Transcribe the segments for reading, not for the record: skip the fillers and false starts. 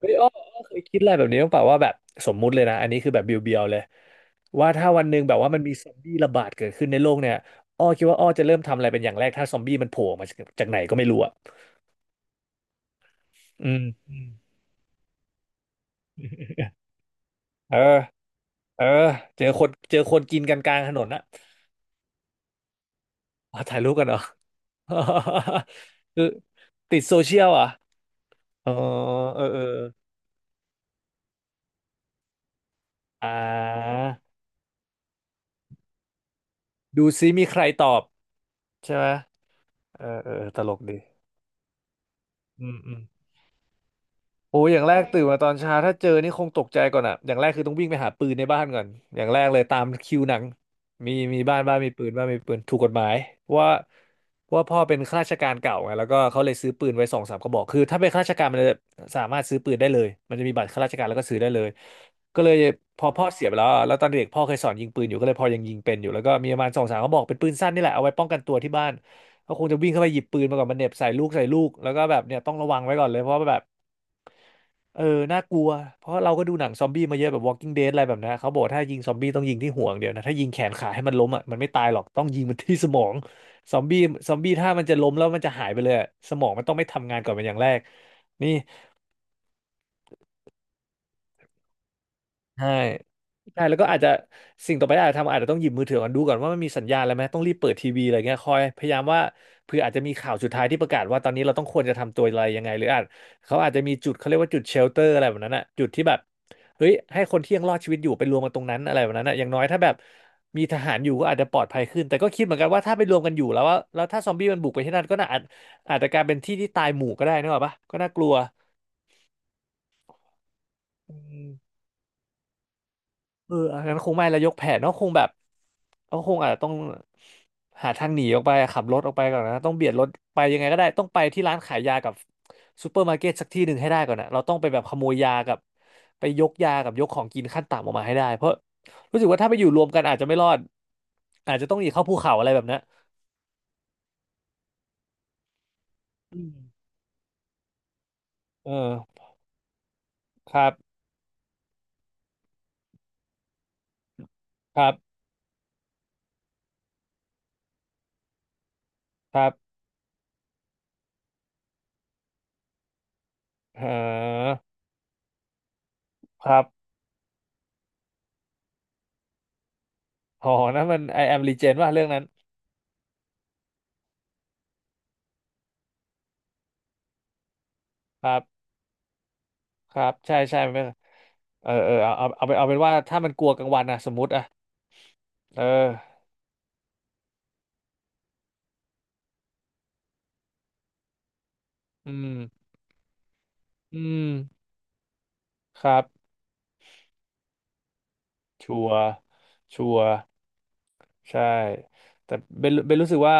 เฮ้ยอ้ออ้อเคยคิดอะไรแบบนี้บ้างเปล่าว่าแบบสมมุติเลยนะอันนี้คือแบบเบียวๆเลยว่าถ้าวันหนึ่งแบบว่ามันมีซอมบี้ระบาดเกิดขึ้นในโลกเนี่ยอ้อคิดว่าอ้อจะเริ่มทำอะไรเป็นอย่างแรกถ้าซอมบี้มันโผล่มาจากไหนก็ไม่รู้อ่ะอืมอืมเออเออเจอคนกินกันกลางถนนนะ อ๋อถ่ายรูปกันเหรอ คือติดโซเชียลอ่ะอ๋อเออเอออ่าดูซิมีใครตอบใช่ไหมเออเออตลกดีอืมอืม โอ้ยอย่างแรกตื่นมาตอนเช้าถ้าเจอนี่คงตกใจก่อนอ่ะอย่างแรกคือต้องวิ่งไปหาปืนในบ้านก่อนอย่างแรกเลยตามคิวหนังมีบ้านมีปืนถูกกฎหมายเพราะว่าเพราะว่าพ่อเป็นข้าราชการเก่าไงแล้วก็เขาเลยซื้อปืนไว้สองสามกระบอกคือถ้าเป็นข้าราชการมันจะสามารถซื้อปืนได้เลยมันจะมีบัตรข้าราชการแล้วก็ซื้อได้เลย ก็เลยพอพ่อเสียไปแล้วอะแล้วตอนเด็กพ่อเคยสอนยิงปืนอยู่ก็เลยพอยังยิงเป็นอยู่แล้วก็มีประมาณสองสามกระบอกเป็นปืนสั้นนี่แหละเอาไว้ป้องกันตัวที่บ้านก็คงจะวิ่งเข้าไปหยิบปืนมาก่อนมันเหน็บใส่ลูกแล้วก็แบบเนี่ยต้องระวังไว้ก่อนเลยเพราะว่าแบบ เออ น่ากลัว เพราะเราก็ดูหนังซอมบี้มาเยอะแบบ Walking Dead อะไรแบบนั้นเขาบอกถ้ายิงซอมบี้ต้องยิงที่ห่วงเดียวนะ ถ้ายิงแขนขาให้มันล้มอ่ะมันไม่ตายหรอก ต้องยิงมันที่สมองซอมบี้ซอมบี้ถ้ามันจะล้มแล้วมันจะหายไปเลยอะสมองมันต้องไม่ทำงานก่อนเป็นอย่างแรกนี่ ใช่ใช่แล้วก็อาจจะสิ่งต่อไปที่อาจจะทำอาจจะต้องหยิบมือถือก่อนดูก่อนว่ามันมีสัญญาณอะไรไหมต้องรีบเปิดทีวีอะไรเงี้ยคอยพยายามว่าเผื่ออาจจะมีข่าวสุดท้ายที่ประกาศว่าตอนนี้เราต้องควรจะทำตัวอะไรยังไงหรืออาจเขาอาจจะมีจุดเขาเรียกว่าจุดเชลเตอร์อะไรแบบนั้นอะจุดที่แบบเฮ้ยให้คนที่ยังรอดชีวิตอยู่ไปรวมกันตรงนั้นอะไรแบบนั้นอะอย่างน้อยถ้าแบบมีทหารอยู่ก็อาจจะปลอดภัยขึ้นแต่ก็คิดเหมือนกันว่าถ้าไปรวมกันอยู่แล้วว่าแล้วถ้าซอมบี้มันบุกไปที่นั่นก็น่าอาจจะกลายเป็นที่ที่ตายหมู่ก็ได้นึกออกปะก็น่ากลัว เอออันนั้นคงไม่แล้วยกแผนก็คงแบบก็คงอาจจะต้องหาทางหนีออกไปขับรถออกไปก่อนนะต้องเบียดรถไปยังไงก็ได้ ต้องไปที่ร้านขายยากับซูเปอร์มาร์เก็ตสักที่หนึ่งให้ได้ก่อนนะเราต้องไปแบบขโมยยากับไปยกยากับยกของกินขั้นต่ำออกมาให้ได้ เพราะรู้สึกว่าถ้าไปอยู่รวมกันอาจจะไม่รอด อาจจะต้องหนีเข้าภูเขาอะไรแบบนั้นอืมเออครับครับครับเออครับอ๋อนั่นมัน I am legend ว่าเรื่องนั้นครับครับใช่ใช่ไหม เออเออเอาเป็นว่าถ้ามันกลัวกลางวันนะสมมติอะเอออืมอืมครับชัวร์ชัวร์ใช่แต่เบนรู้สึกว่า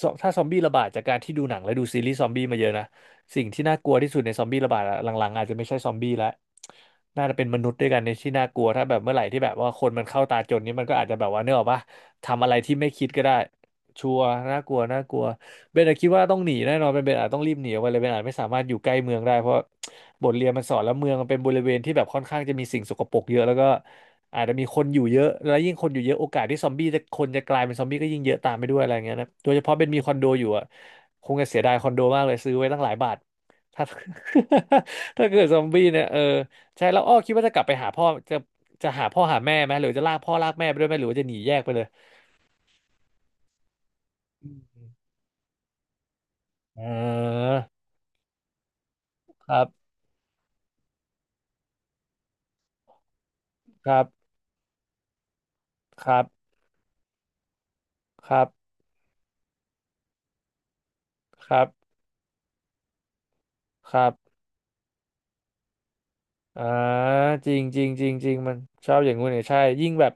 ถ้าซอมบี้ระบาดจากการที่ดูหนังและดูซีรีส์ซอมบี้มาเยอะนะสิ่งที่น่ากลัวที่สุดในซอมบี้ระบาดอะหลังๆอาจจะไม่ใช่ซอมบี้แล้วน่าจะเป็นมนุษย์ด้วยกันในที่น่ากลัวถ้าแบบเมื่อไหร่ที่แบบว่าคนมันเข้าตาจนนี้มันก็อาจจะแบบว่าเนกอะปะทำอะไรที่ไม่คิดก็ได้ชัวร์น่ากลัวน่ากลัว เบนอะคิดว่าต้องหนีแน่นอนเป็นเบนอาจต้องรีบหนีออกไปเลยเบนอาจไม่สามารถอยู่ใกล้เมืองได้เพราะบทเรียนมันสอนแล้วเมืองมันเป็นบริเวณที่แบบค่อนข้างจะมีสิ่งสกปรกเยอะแล้วก็อาจจะมีคนอยู่เยอะแล้วยิ่งคนอยู่เยอะโอกาสที่ซอมบี้จะคนจะกลายเป็นซอมบี้ก็ยิ่งเยอะตามไปด้วยอะไรอย่างเงี้ยนะโดยเฉพาะเบนมีคอนโดอยู่อะคงจะเสียดายคอนโดมากเลยซื้อไว้ตั้งหลายบาทถ้า ถ้าเกิดซอมบี้เนี่ยใช่แล้วอ้อคิดว่าจะกลับไปหาพ่อจะหาพ่อหาแม่ไหมหรือจะลากพ่อลากแม่ไปด้วยไหมหรือว่าจะหนีแยกไปเลยอืมเออครับครับครับ ครับครับครับอ่าจริงจริงจริงจริงมันชอบอย่างงู้นเนี่ยใช่ยิ่งแบบ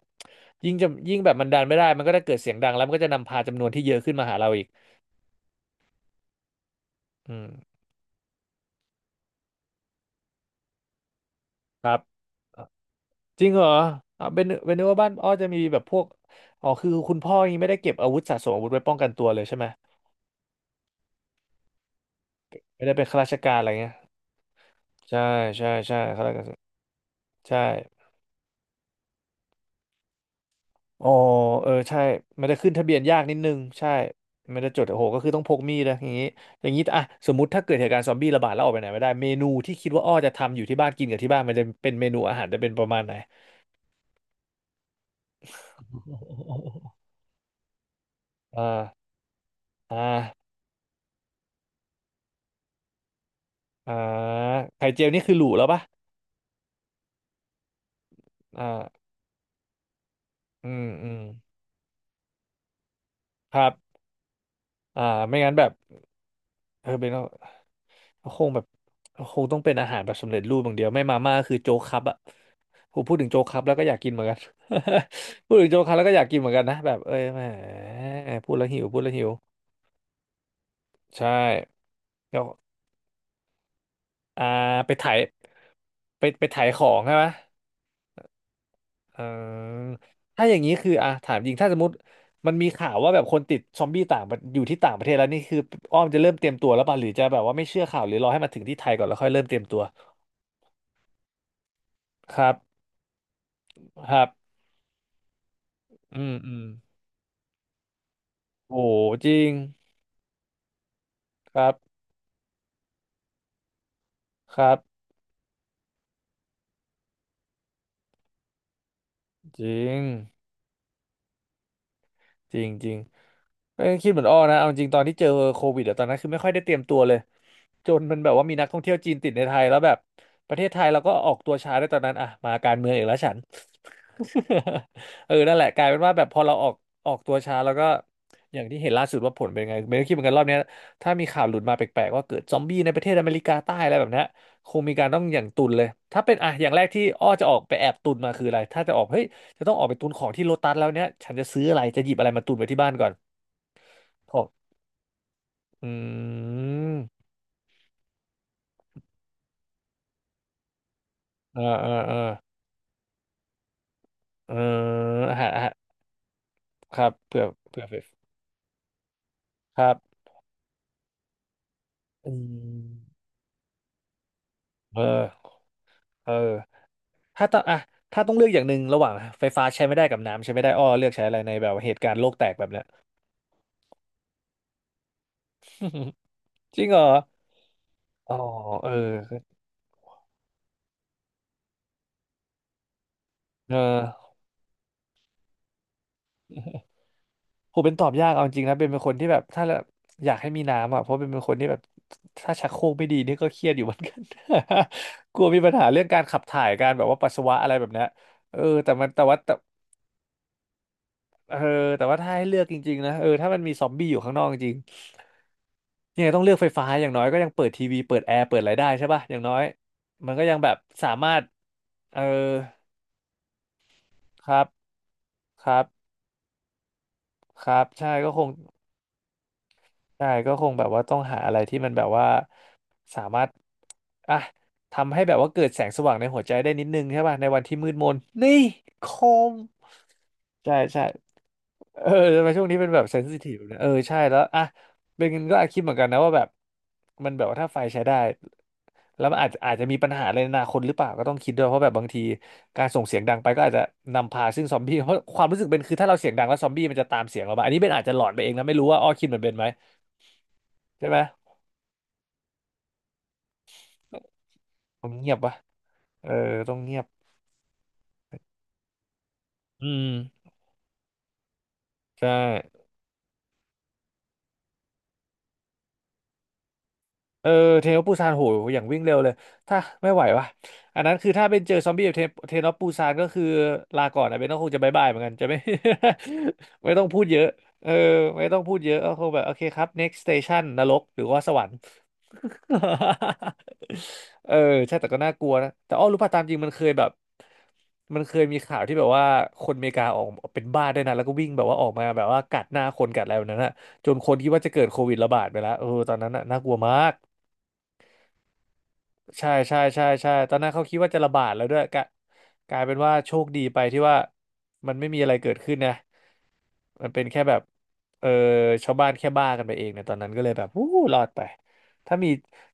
ยิ่งจะยิ่งแบบมันดันไม่ได้มันก็จะเกิดเสียงดังแล้วมันก็จะนำพาจำนวนที่เยอะขึ้นมาหาเราอีกอืมครับจริงเหรอเป็นนึกว่าบ้านอ้อจะมีแบบพวกอ๋อคือคุณพ่อยังไม่ได้เก็บอาวุธสะสมอาวุธไว้ป้องกันตัวเลยใช่ไหมไม่ได้เป็นข้าราชการอะไรเงี้ยใช่ใช่ใช่ข้าราชการใช่ อ๋อเออใช่มันจะขึ้นทะเบียนยากนิดนึงใช่มันจะจดโอ้โหก็คือต้องพกมีดนะอย่างนี้อย่างนี้อ่ะสมมติถ้าเกิดเหตุการณ์ซอมบี้ระบาดแล้วออกไปไหนไม่ได้เมนูที่คิดว่าอ้อจะทำอยู่ที่บ้านกินกับที่บ้านมันจะเป็นเมนูอาหารจะเป็นประมาณไหน อ่าอ่าอ่าไข่เจียวนี่คือหรูแล้วปะอ่าอืมอืมครับอ่าไม่งั้นแบบเออเป็นคงแบบคงต้องเป็นอาหารแบบสำเร็จรูปอย่างเดียวไม่มาม่าก็คือโจ๊กครับอะ ผมพูดถึงโจ๊กครับแล้วก็อยากกินเหมือนกัน พูดถึงโจ๊กครับแล้วก็อยากกินเหมือนกันนะแบบเอ้ยแหมพูดแล้วหิวพูดแล้วหิวใช่ก็อ่าไปถ่ายไปไปถ่ายของใช่ไหมเออถ้าอย่างนี้คืออ่ะถามจริงถ้าสมมติมันมีข่าวว่าแบบคนติดซอมบี้ต่างประอยู่ที่ต่างประเทศแล้วนี่คืออ้อมจะเริ่มเตรียมตัวแล้วป่ะหรือจะแบบว่าไม่เชื่อข่าวหรือรอให้มาถึงที่ไทยก่อนแล้วค่อยเริ่มเตรียมตัวครับครับอืมอืมโอ้จริงครับครับจริงจริงจริง เอ้คิดเหมือนอ้อนะเอาจริงตอนที่เจอโควิดอะตอนนั้นคือไม่ค่อยได้เตรียมตัวเลยจนมันแบบว่ามีนักท่องเที่ยวจีนติดในไทยแล้วแบบประเทศไทยเราก็ออกตัวช้าด้วยตอนนั้นอ่ะมาการเมืองอีกแล้วฉัน เออนั่นแหละกลายเป็นว่าแบบพอเราออกออกตัวช้าแล้วก็อย่างที่เห็นล่าสุดว่าผลเป็นไงไม่ได้คิดเหมือนกันรอบเนี้ยถ้ามีข่าวหลุดมาแปลกๆว่าเกิดซอมบี้ในประเทศอเมริกาใต้อะไรแบบเนี้ยคงมีการต้องอย่างตุนเลยถ้าเป็นอ่ะอย่างแรกที่อ้อจะออกไปแอบตุนมาคืออะไรถ้าจะออกเฮ้ยจะต้องออกไปตุนของที่โลตัสแล้วเนี้ยฉันจะซื้ออะไรจะหยิบอะไรมาตุนไว้ที่บ้านก่อน อืมเออเออเออเอออาหารอาหารครับเผื่อเผื่อเผื่อครับอืมเออเออถ้าต้องอ่ะถ้าต้องเลือกอย่างหนึ่งระหว่างไฟฟ้าใช้ไม่ได้กับน้ำใช้ไม่ได้อ้อเลือกใช้อะไรในแบบเหตุการณ์โลกแตกแบบเนี้ย จริงเหรออ๋อเออเออ ผมเป็นตอบยากเอาจริงนะเป็นคนที่แบบถ้าแอยากให้มีน้ำอ่ะเพราะเป็นคนที่แบบถ้าชักโครกไม่ดีนี่ก็เครียดอยู่เหมือนกัน กลัวมีปัญหาเรื่องการขับถ่ายการแบบว่าปัสสาวะอะไรแบบเนี้ยเออแต่มันแต่ว่าแต่เออแต่ว่าถ้าให้เลือกจริงๆนะเออถ้ามันมีซอมบี้อยู่ข้างนอกจริงๆยังไงต้องเลือกไฟฟ้าอย่างน้อยก็ยังเปิดทีวีเปิดแอร์เปิดอะไรได้ใช่ป่ะอย่างน้อยมันก็ยังแบบสามารถเออครับครับครับใช่ก็คง ใช่ก็คงแบบว่าต้องหาอะไรที่มันแบบว่าสามารถอ่ะทำให้แบบว่าเกิดแสงสว่างในหัวใจได้นิดนึงใช่ป่ะในวันที่มืดมนนี่คมใช่ใช่เออทำไมช่วงนี้เป็นแบบเซนซิทีฟเนี่ยเออใช่แล้วอ่ะเบนก็อาจคิดเหมือนกันนะว่าแบบมันแบบว่าถ้าไฟใช้ได้แล้วมันอาจจะอาจจะมีปัญหาอะไรในอนาคตหรือเปล่าก็ต้องคิดด้วยเพราะแบบบางทีการส่งเสียงดังไปก็อาจจะนำพาซึ่งซอมบี้เพราะความรู้สึกเป็นคือถ้าเราเสียงดังแล้วซอมบี้มันจะตามเสียงเรามาอันนี้เบนอาจจะหลอนไปเองนะไม่รู้ว่าอ้อคิดเหมือนเบนไหมใช่ไหมผมเงียบวะ เออต้องเงียบอืมใช่ เออเทนโอปูซานโหอย่างวิ่งเร็วเลย ถ้าไม่ไหววะ อันนั้นคือถ้าเป็นเจอซอมบี้แบบเทนโอปูซานก็คือลาก่อนนะเบนก็คงจะบายบายเหมือนกันจะไม่ ไม่ต้องพูดเยอะเออไม่ต้องพูดเยอะก็คงแบบโอเคครับ next station นรกหรือว่าสวรรค์ เออใช่แต่ก็น่ากลัวนะแต่อ้อรู้ป่ะตามจริงมันเคยแบบมันเคยมีข่าวที่แบบว่าคนอเมริกาออกเป็นบ้าได้วยนะแล้วก็วิ่งแบบว่าออกมาแบบว่ากัดหน้าคนกัดอะไรแบบนั้นนะจนคนคิดว่าจะเกิดโควิดระบาดไปแล้วเออตอนนั้นน่ะน่ากลัวมาก ใช่ใช่ใช่ใช่ตอนนั้นเขาคิดว่าจะระบาดแล้วด้วยกะกลายเป็นว่าโชคดีไปที่ว่ามันไม่มีอะไรเกิดขึ้นนะมันเป็นแค่แบบเออชาวบ้านแค่บ้ากันไปเองเนี่ยตอนนั้นก็เลยแบบวู้รอดไปถ้ามี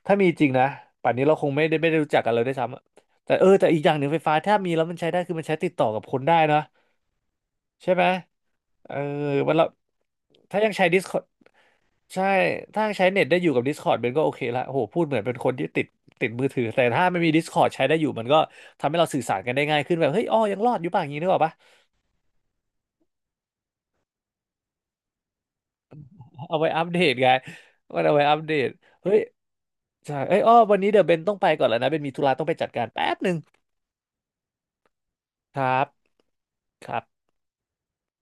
ถ้ามีจริงนะป่านนี้เราคงไม่ได้ไม่ได้รู้จักกันเลยด้วยซ้ำอะแต่เออแต่อีกอย่างหนึ่งไฟฟ้าถ้ามีแล้วมันใช้ได้คือมันใช้ติดต่อกับคนได้นะใช่ไหมเออมันเราถ้ายังใช้ Discord ใช่ ถ้าใช้เน็ตได้อยู่กับ Discord มันก็โอเคละโอ้โห พูดเหมือนเป็นคนที่ติดติดมือถือ แต่ถ้าไม่มี Discord ใช้ได้อยู่มันก็ทำให้เราสื่อสารกันได้ง่ายขึ้นแบบเฮ้ยอ้อยังรอดอยู่ป่ะอย่างนี้นึกออกปะ เอาไว้อัปเดตไงมันเอาไว้อัปเดตเฮ้ยใช่เอ้ยอ้อวันนี้เดี๋ยวเบนต้องไปก่อนแล้วนะเบนมีธุระต้องไปจัดการแป๊บหนึ่ง ครับ ครับ